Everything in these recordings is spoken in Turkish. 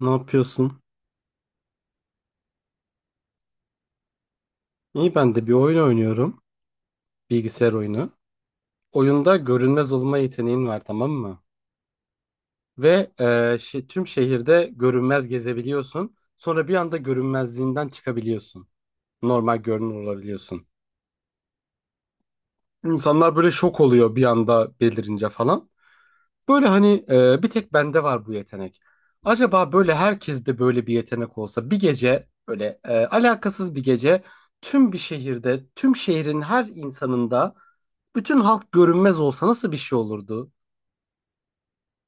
Ne yapıyorsun? İyi ben de bir oyun oynuyorum. Bilgisayar oyunu. Oyunda görünmez olma yeteneğin var, tamam mı? Ve e, Tüm şehirde görünmez gezebiliyorsun. Sonra bir anda görünmezliğinden çıkabiliyorsun. Normal görünür olabiliyorsun. İnsanlar böyle şok oluyor bir anda belirince falan. Böyle hani bir tek bende var bu yetenek. Acaba böyle herkeste böyle bir yetenek olsa bir gece böyle alakasız bir gece tüm bir şehirde, tüm şehrin her insanında bütün halk görünmez olsa nasıl bir şey olurdu?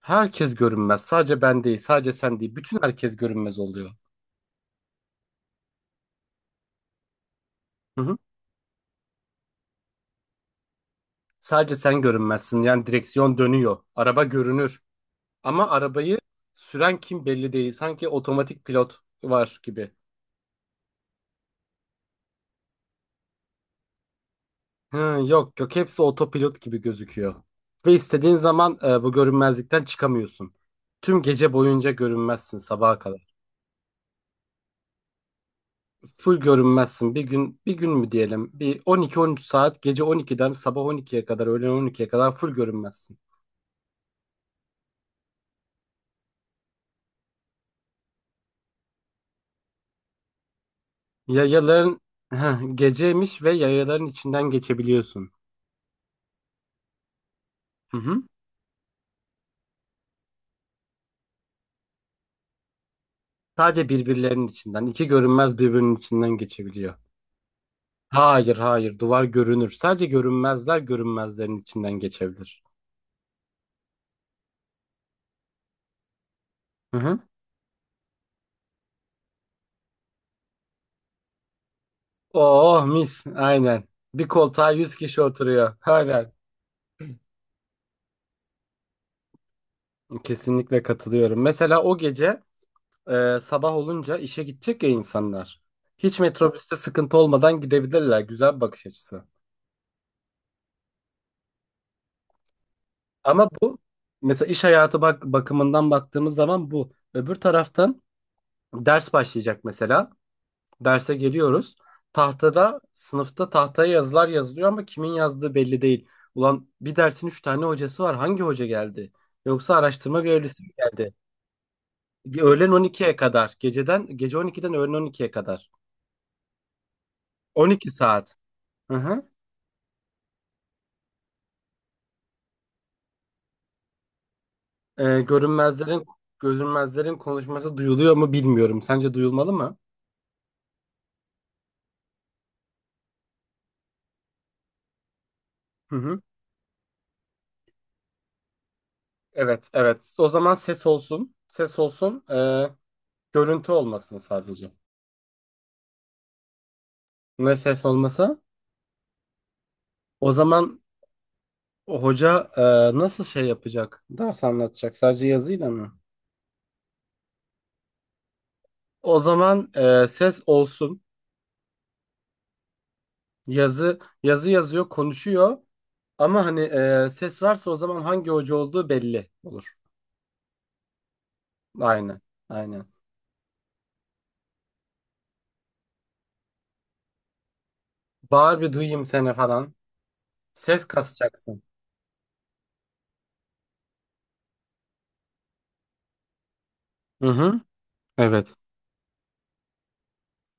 Herkes görünmez. Sadece ben değil, sadece sen değil. Bütün herkes görünmez oluyor. Hı hı. Sadece sen görünmezsin. Yani direksiyon dönüyor. Araba görünür. Ama arabayı süren kim belli değil. Sanki otomatik pilot var gibi. Hı, Yok yok, hepsi otopilot gibi gözüküyor. Ve istediğin zaman bu görünmezlikten çıkamıyorsun. Tüm gece boyunca görünmezsin sabaha kadar. Full görünmezsin. Bir gün mü diyelim? Bir 12-13 saat, gece 12'den sabah 12'ye kadar, öğlen 12'ye kadar full görünmezsin. Yayaların geceymiş ve yayaların içinden geçebiliyorsun. Hı hı. Sadece birbirlerinin içinden. İki görünmez birbirinin içinden geçebiliyor. Hayır hayır, duvar görünür. Sadece görünmezler görünmezlerin içinden geçebilir. Hı hı. Oh mis, aynen. Bir koltuğa 100 kişi oturuyor. Aynen. Kesinlikle katılıyorum. Mesela o gece sabah olunca işe gidecek ya insanlar. Hiç metrobüste sıkıntı olmadan gidebilirler. Güzel bir bakış açısı. Ama bu, mesela iş hayatı bak bakımından baktığımız zaman bu. Öbür taraftan ders başlayacak mesela. Derse geliyoruz. Tahtada, sınıfta tahtaya yazılar yazılıyor ama kimin yazdığı belli değil. Ulan, bir dersin üç tane hocası var. Hangi hoca geldi? Yoksa araştırma görevlisi mi geldi? Öğlen 12'ye kadar. Geceden, gece 12'den öğlen 12'ye kadar. 12 saat. Hı hı. Ee, görünmezlerin, görünmezlerin konuşması duyuluyor mu bilmiyorum. Sence duyulmalı mı? Hı hı. Evet, evet. O zaman ses olsun. Ses olsun. Görüntü olmasın sadece. Ne ses olmasa? O zaman o hoca nasıl şey yapacak? Ders anlatacak. Sadece yazıyla mı? O zaman ses olsun. Yazı yazı yazıyor, konuşuyor. Ama hani ses varsa o zaman hangi hoca olduğu belli olur. Aynen. Aynen. Bağır bir duyayım seni falan. Ses kasacaksın. Hı hı. Evet.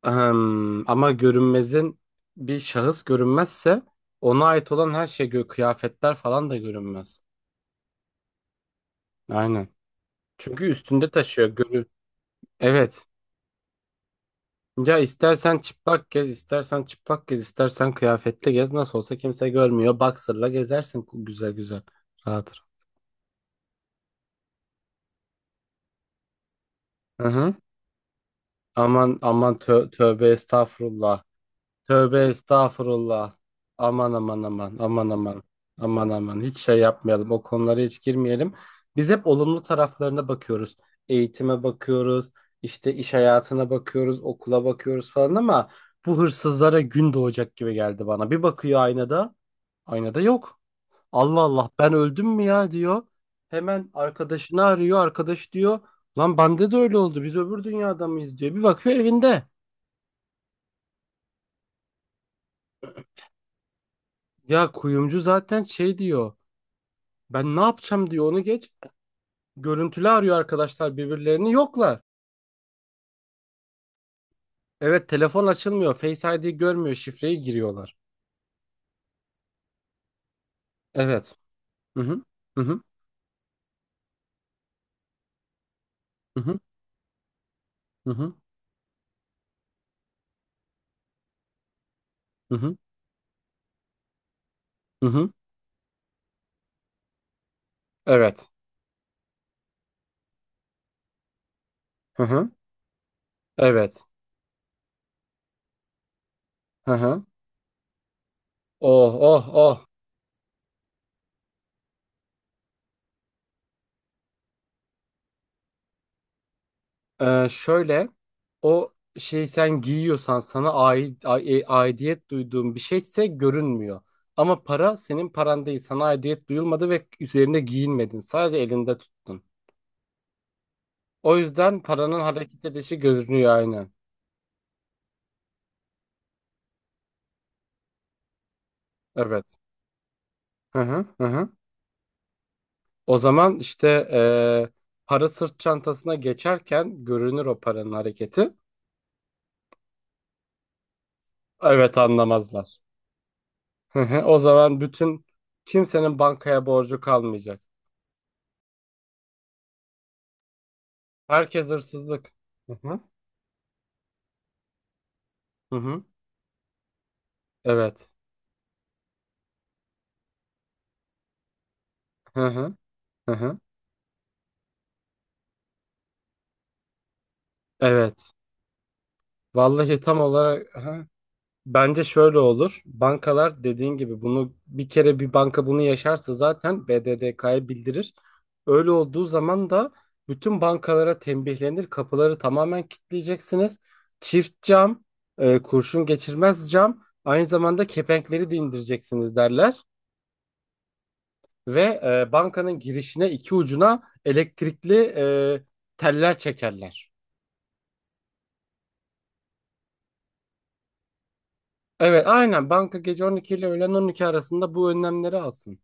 Ama bir şahıs görünmezse ona ait olan her şey kıyafetler falan da görünmez. Aynen. Çünkü üstünde taşıyor. Evet. Ya istersen çıplak gez, istersen çıplak gez, istersen kıyafetle gez. Nasıl olsa kimse görmüyor. Boxer'la gezersin güzel güzel. Rahat. Hı hı. Aman aman tövbe estağfurullah. Tövbe estağfurullah. Aman aman aman aman aman. Aman aman, hiç şey yapmayalım. O konulara hiç girmeyelim. Biz hep olumlu taraflarına bakıyoruz. Eğitime bakıyoruz. İşte iş hayatına bakıyoruz, okula bakıyoruz falan ama bu hırsızlara gün doğacak gibi geldi bana. Bir bakıyor aynada yok. Allah Allah, ben öldüm mü ya diyor. Hemen arkadaşını arıyor. Arkadaş diyor, lan bende de öyle oldu. Biz öbür dünyada mıyız diyor. Bir bakıyor evinde. Ya kuyumcu zaten şey diyor. Ben ne yapacağım diyor, onu geç. Görüntülü arıyor arkadaşlar, birbirlerini yoklar. Evet, telefon açılmıyor. Face ID görmüyor. Şifreyi giriyorlar. Evet. Hı hı. Hı hı. Hı hı. Hı hı. Hı hı. Hı hı. Evet. Hı hı. Evet. Hı hı. Oh oh oh. Şöyle o şey, sen giyiyorsan sana ait aidiyet duyduğun bir şeyse görünmüyor. Ama para senin paran değil. Sana aidiyet duyulmadı ve üzerinde giyinmedin. Sadece elinde tuttun. O yüzden paranın hareket edişi görünüyor, aynen. Evet. Hı hı hı. Hı. O zaman işte para sırt çantasına geçerken görünür o paranın hareketi. Evet, anlamazlar. Hı hı. O zaman kimsenin bankaya borcu kalmayacak. Herkes hırsızlık. Hı hı. Hı hı. Evet. Hı hı. Hı hı. Evet. Vallahi tam olarak, hı. Bence şöyle olur. Bankalar dediğin gibi, bunu bir kere bir banka bunu yaşarsa zaten BDDK'ya bildirir. Öyle olduğu zaman da bütün bankalara tembihlenir. Kapıları tamamen kilitleyeceksiniz. Çift cam, kurşun geçirmez cam, aynı zamanda kepenkleri de indireceksiniz derler. Ve bankanın girişine iki ucuna elektrikli teller çekerler. Evet, aynen. Banka gece 12 ile öğlen 12 arasında bu önlemleri alsın.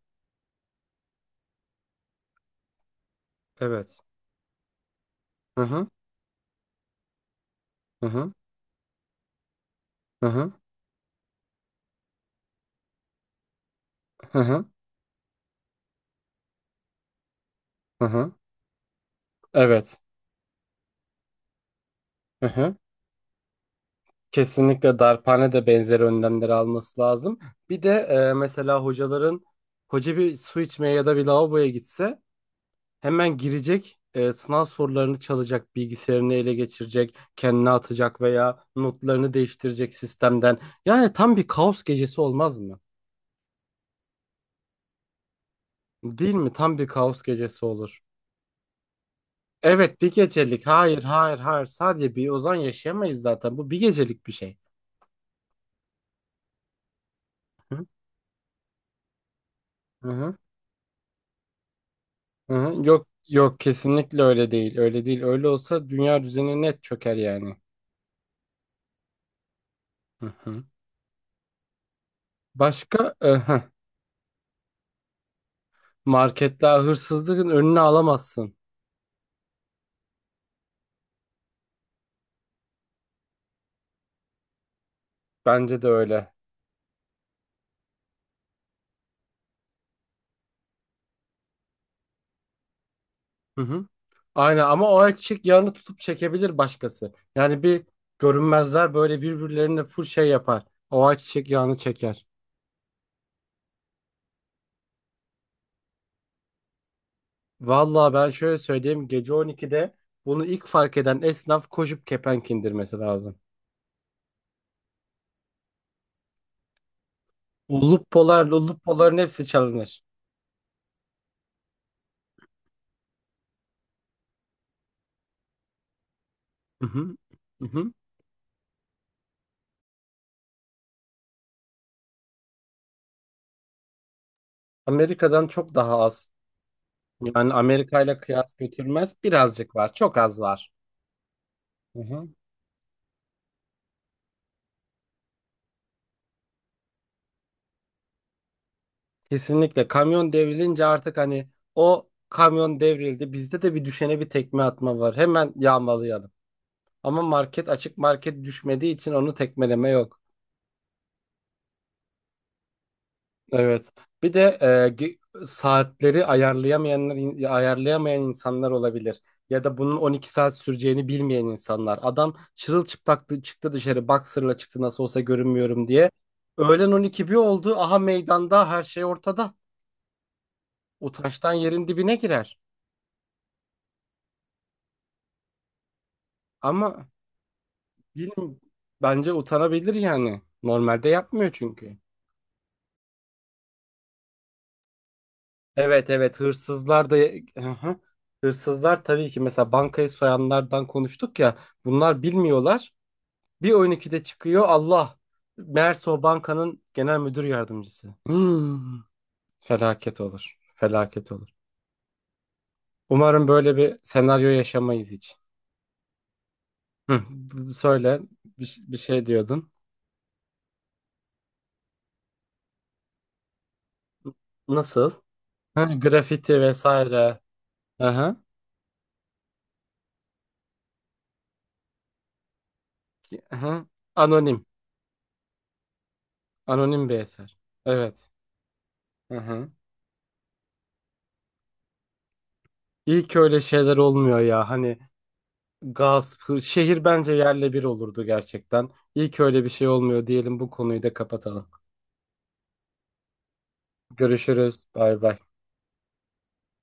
Evet. Hı hı. Hı hı. Hı hı. Hı hı. Hı hı. Evet. Hı hı. Kesinlikle darphane de benzeri önlemleri alması lazım. Bir de mesela hoca bir su içmeye ya da bir lavaboya gitse hemen girecek, sınav sorularını çalacak, bilgisayarını ele geçirecek, kendine atacak veya notlarını değiştirecek sistemden. Yani tam bir kaos gecesi olmaz mı? Değil mi? Tam bir kaos gecesi olur. Evet, bir gecelik. Hayır, hayır, hayır. Sadece bir Ozan yaşayamayız zaten. Bu bir gecelik bir şey. Hı hı. Hı hı. Yok, yok, kesinlikle öyle değil. Öyle değil. Öyle olsa dünya düzeni net çöker yani. Hı hı. Başka e, heh. Marketler hırsızlığın önüne alamazsın. Bence de öyle. Hı hı. Aynen, ama o erkek yağını tutup çekebilir başkası. Yani bir görünmezler böyle birbirlerine full şey yapar. O ayçiçek yağını çeker. Vallahi ben şöyle söyleyeyim, gece 12'de bunu ilk fark eden esnaf koşup kepenk indirmesi lazım. Ulup polar, ulup poların hepsi çalınır. Hı hı. Hı hı. Amerika'dan çok daha az. Yani Amerika ile kıyas götürmez. Birazcık var. Çok az var. Hı hı. Kesinlikle kamyon devrilince artık hani o kamyon devrildi. Bizde de bir düşene bir tekme atma var. Hemen yağmalayalım. Ama market açık, market düşmediği için onu tekmeleme yok. Evet. Bir de saatleri ayarlayamayanlar ayarlayamayan insanlar olabilir. Ya da bunun 12 saat süreceğini bilmeyen insanlar. Adam çırılçıplak çıktı dışarı boxer'la çıktı nasıl olsa görünmüyorum diye. Öğlen 12 bir oldu. Aha meydanda her şey ortada. Utançtan yerin dibine girer. Ama bilmiyorum. Bence utanabilir yani. Normalde yapmıyor çünkü. Evet evet, hırsızlar da. Hı hı. Hırsızlar tabii ki, mesela bankayı soyanlardan konuştuk ya, bunlar bilmiyorlar. Bir 12'de çıkıyor Allah. Meğerse o bankanın genel müdür yardımcısı. Hmm. Felaket olur. Felaket olur. Umarım böyle bir senaryo yaşamayız hiç. Hı. Söyle bir şey diyordun. Nasıl? Hı, grafiti vesaire. Aha. Aha. Anonim. Anonim bir eser. Evet. Hı hı. İyi ki öyle şeyler olmuyor ya. Hani gasp, şehir bence yerle bir olurdu gerçekten. İyi ki öyle bir şey olmuyor diyelim, bu konuyu da kapatalım. Görüşürüz. Bay bay.